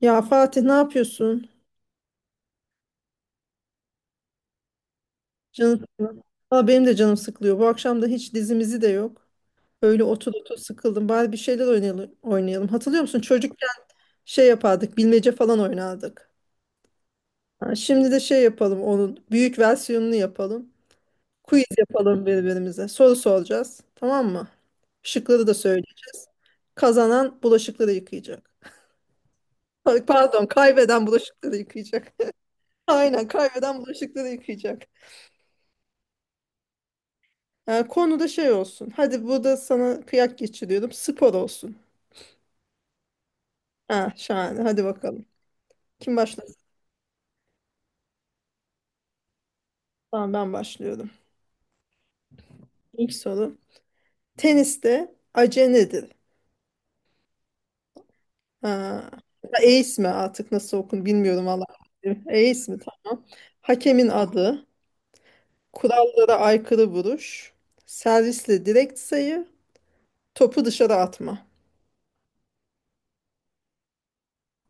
Ya Fatih ne yapıyorsun? Canım sıkılıyor. Valla benim de canım sıkılıyor. Bu akşam da hiç dizimizi de yok. Öyle otur otur sıkıldım. Bari bir şeyler oynayalım. Hatırlıyor musun? Çocukken şey yapardık. Bilmece falan oynardık. Ha, şimdi de şey yapalım onun. Büyük versiyonunu yapalım. Quiz yapalım birbirimize. Soru soracağız. Tamam mı? Şıkları da söyleyeceğiz. Kazanan bulaşıkları yıkayacak. Pardon, kaybeden bulaşıkları yıkayacak. Aynen, kaybeden bulaşıkları yıkayacak. Konu da şey olsun. Hadi bu da sana kıyak geçiriyordum. Spor olsun. Ha, şahane. Hadi bakalım. Kim başlasın? Tamam, ben başlıyorum. İlk soru. Teniste ace nedir? Ha. Ace mi artık nasıl okun bilmiyorum valla. Ace mi? Tamam. Hakemin adı. Kurallara aykırı vuruş. Servisle direkt sayı. Topu dışarı atma.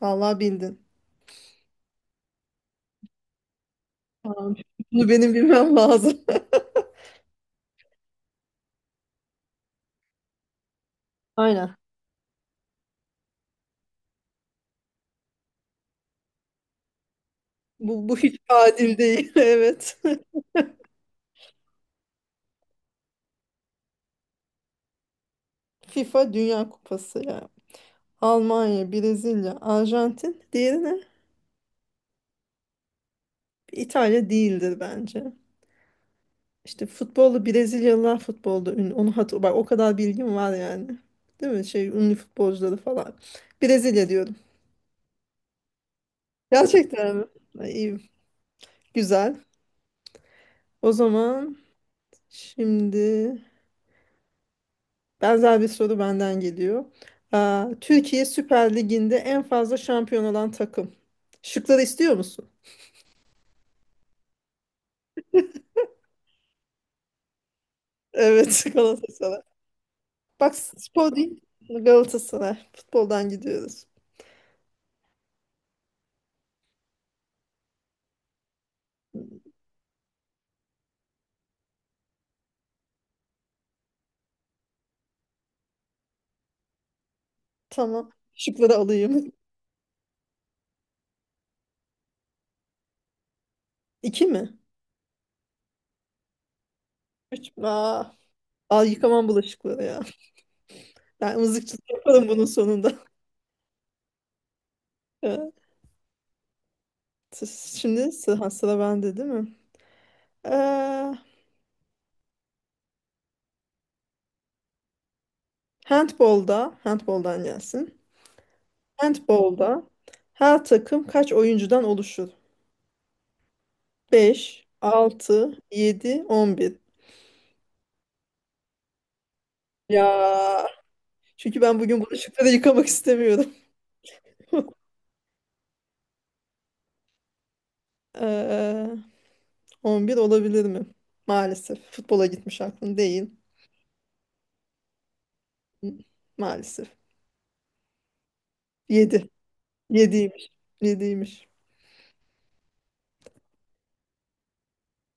Vallahi bildin. Tamam. Bunu benim bilmem lazım. Aynen. Bu hiç adil değil. Evet. FIFA Dünya Kupası ya. Almanya, Brezilya, Arjantin. Diğeri ne? İtalya değildir bence. İşte futbolu Brezilyalılar futbolda ünlü. Onu hatır bak, o kadar bilgim var yani. Değil mi? Şey, ünlü futbolcuları falan. Brezilya diyorum. Gerçekten mi? Ay, iyi. Güzel. O zaman şimdi benzer bir soru benden geliyor. Aa, Türkiye Süper Ligi'nde en fazla şampiyon olan takım. Şıkları istiyor musun? Evet, Galatasaray. Bak, spor değil Galatasaray. Futboldan gidiyoruz. Tamam. Şıkları alayım. İki mi? Üç mü? Aa, al, yıkamam bulaşıkları ya. Ben mızıkçılık yaparım bunun sonunda. Evet. Şimdi sıra bende değil mi? Ee, handboldan gelsin. Handbolda her takım kaç oyuncudan oluşur? Beş, altı, yedi, 11. Ya. Çünkü ben bugün bulaşıkları yıkamak istemiyorum. Ee, 11 olabilir mi? Maalesef. Futbola gitmiş aklın değil. Maalesef. Yedi. Yediymiş yediymiş.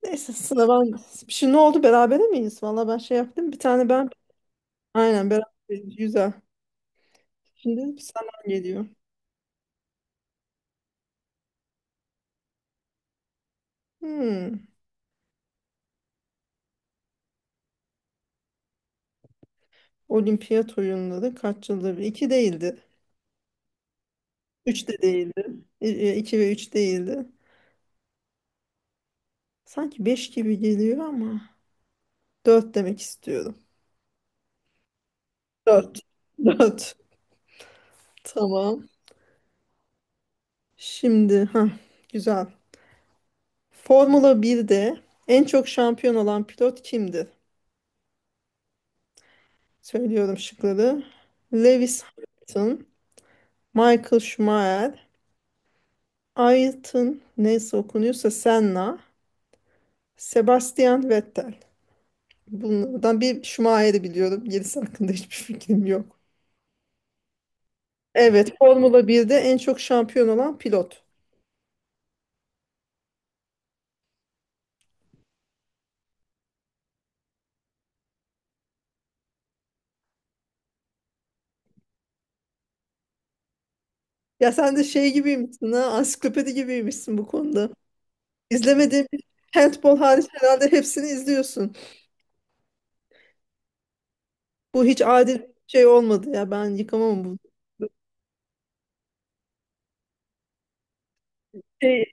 Neyse sıra ben. Şimdi ne oldu? Berabere miyiz? Valla ben şey yaptım. Bir tane ben. Aynen, beraberiz. Güzel. Şimdi senden geliyor. Hmm. Olimpiyat oyunları kaç yılda bir? 2 değildi. 3 de değildi. 2 ve 3 değildi. Sanki 5 gibi geliyor ama dört demek istiyorum. 4. 4. Tamam. Şimdi güzel. Formula 1'de en çok şampiyon olan pilot kimdir? Söylüyorum şıkları. Lewis Hamilton, Michael Schumacher, Ayrton, neyse okunuyorsa, Senna, Sebastian Vettel. Bunlardan bir Schumacher'i biliyorum. Gerisi hakkında hiçbir fikrim yok. Evet, Formula 1'de en çok şampiyon olan pilot. Ya sen de şey gibiymişsin ansiklopedi gibiymişsin bu konuda. İzlemediğin bir handball hariç herhalde hepsini izliyorsun. Bu hiç adil bir şey olmadı ya. Ben yıkamam bu. Şey,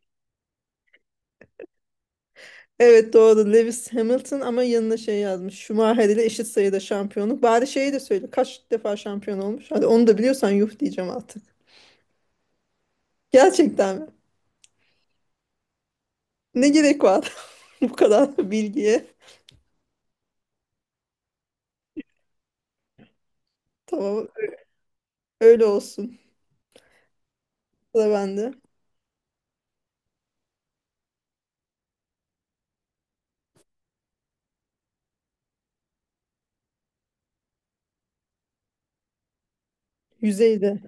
Evet, doğru. Lewis Hamilton ama yanına şey yazmış. Schumacher ile eşit sayıda şampiyonluk. Bari şeyi de söyle. Kaç defa şampiyon olmuş? Hadi onu da biliyorsan yuh diyeceğim artık. Gerçekten mi? Ne gerek var bu kadar bilgiye? Tamam, öyle olsun. Sıra bende. Yüzeyde.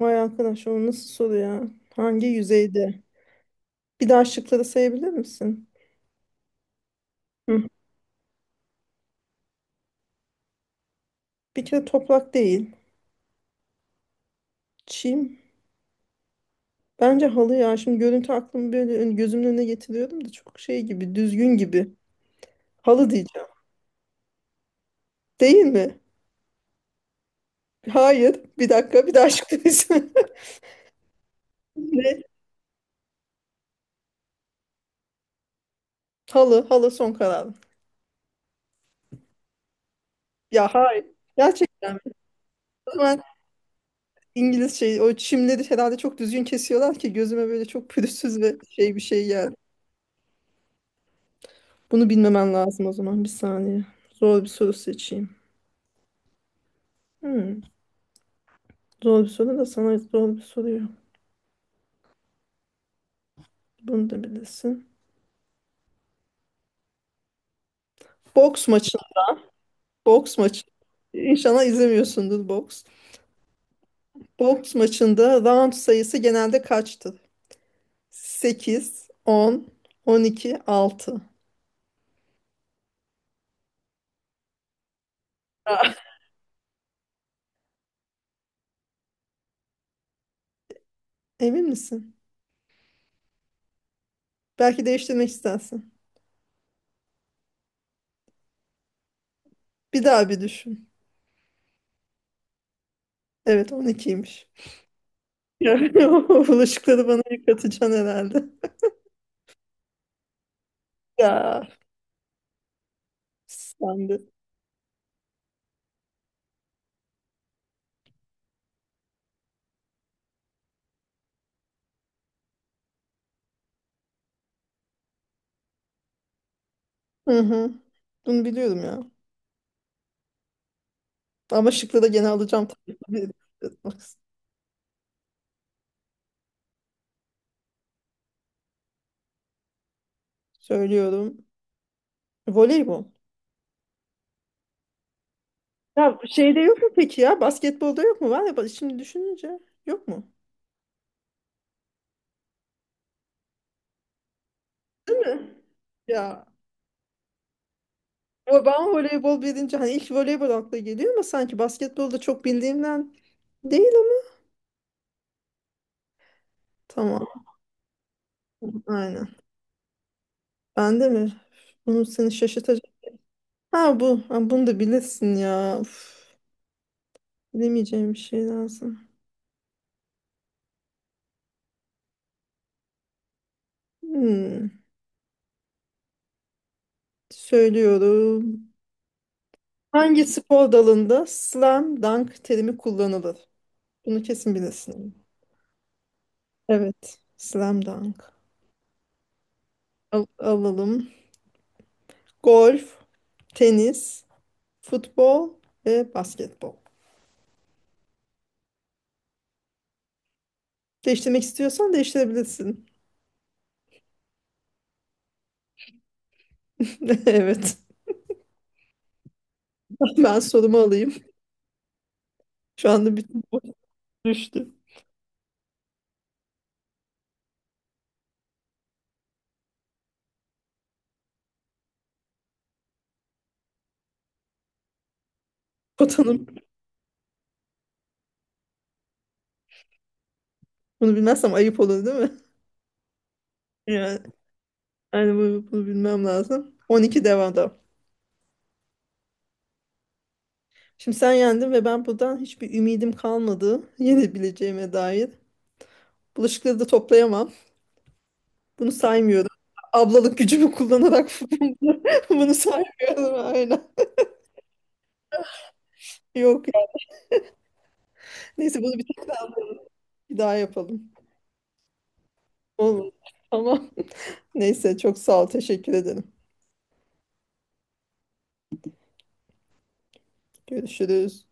Vay arkadaş, o nasıl soru ya? Hangi yüzeyde? Bir daha şıkları sayabilir misin? Hı. Bir kere toprak değil. Çim. Bence halı ya. Şimdi görüntü aklımı böyle gözümün önüne getiriyordum da çok şey gibi, düzgün gibi. Halı diyeceğim. Değil mi? Hayır. Bir dakika, bir daha açıklayayım. Ne? Halı, halı son kararım. Ya hayır. Gerçekten mi? O zaman İngiliz şey, o çimleri herhalde çok düzgün kesiyorlar ki gözüme böyle çok pürüzsüz ve şey, bir şey geldi. Bunu bilmemen lazım o zaman. Bir saniye. Zor bir soru seçeyim. Hmm. Zor bir soru da sana zor bir soruyor. Bunu da bilirsin. Boks maçı. Boks maçı. İnşallah izlemiyorsundur boks. Boks maçında round sayısı genelde kaçtı? Sekiz, 10, 10, 12, 6. Emin misin? Belki değiştirmek istersin. Bir daha bir düşün. Evet, 12'ymiş. Yani o bulaşıkları bana yıkatacaksın herhalde. Ya sen de. Hı hı. Bunu biliyorum ya. Ama şıkları da gene alacağım tabii. Bak, söylüyorum. Voleybol. Ya şeyde yok mu peki ya? Basketbolda yok mu? Var ya, bak şimdi düşününce yok mu? Değil mi? Ya, o ben voleybol bilince hani ilk voleybol akla geliyor ama sanki basketbolda çok bildiğimden değil ama. Tamam, aynen. Ben de mi? Bunu seni şaşırtacak. Ha bu. Ha, bunu da bilirsin ya. Uf, bilemeyeceğim bir şey lazım. Hmm, Söylüyorum. Hangi spor dalında slam dunk terimi kullanılır? Bunu kesin bilirsin. Evet. Slam dunk. Alalım. Golf, tenis, futbol ve basketbol. Değiştirmek istiyorsan değiştirebilirsin. Evet. Ben sorumu alayım. Şu anda bütün boş düştü. Potanım. Bunu bilmezsem ayıp olur değil mi? Yani, yani, bunu bilmem lazım. 12 devamda. Şimdi sen yendin ve ben buradan hiçbir ümidim kalmadı. Yenebileceğime dair. Bulaşıkları da toplayamam. Bunu saymıyorum. Ablalık gücümü kullanarak bunu saymıyorum. Aynen. Yok ya. Neyse, bunu bir tek. Bir daha yapalım. Olur. Tamam. Neyse, çok sağ ol. Teşekkür ederim. Görüşürüz.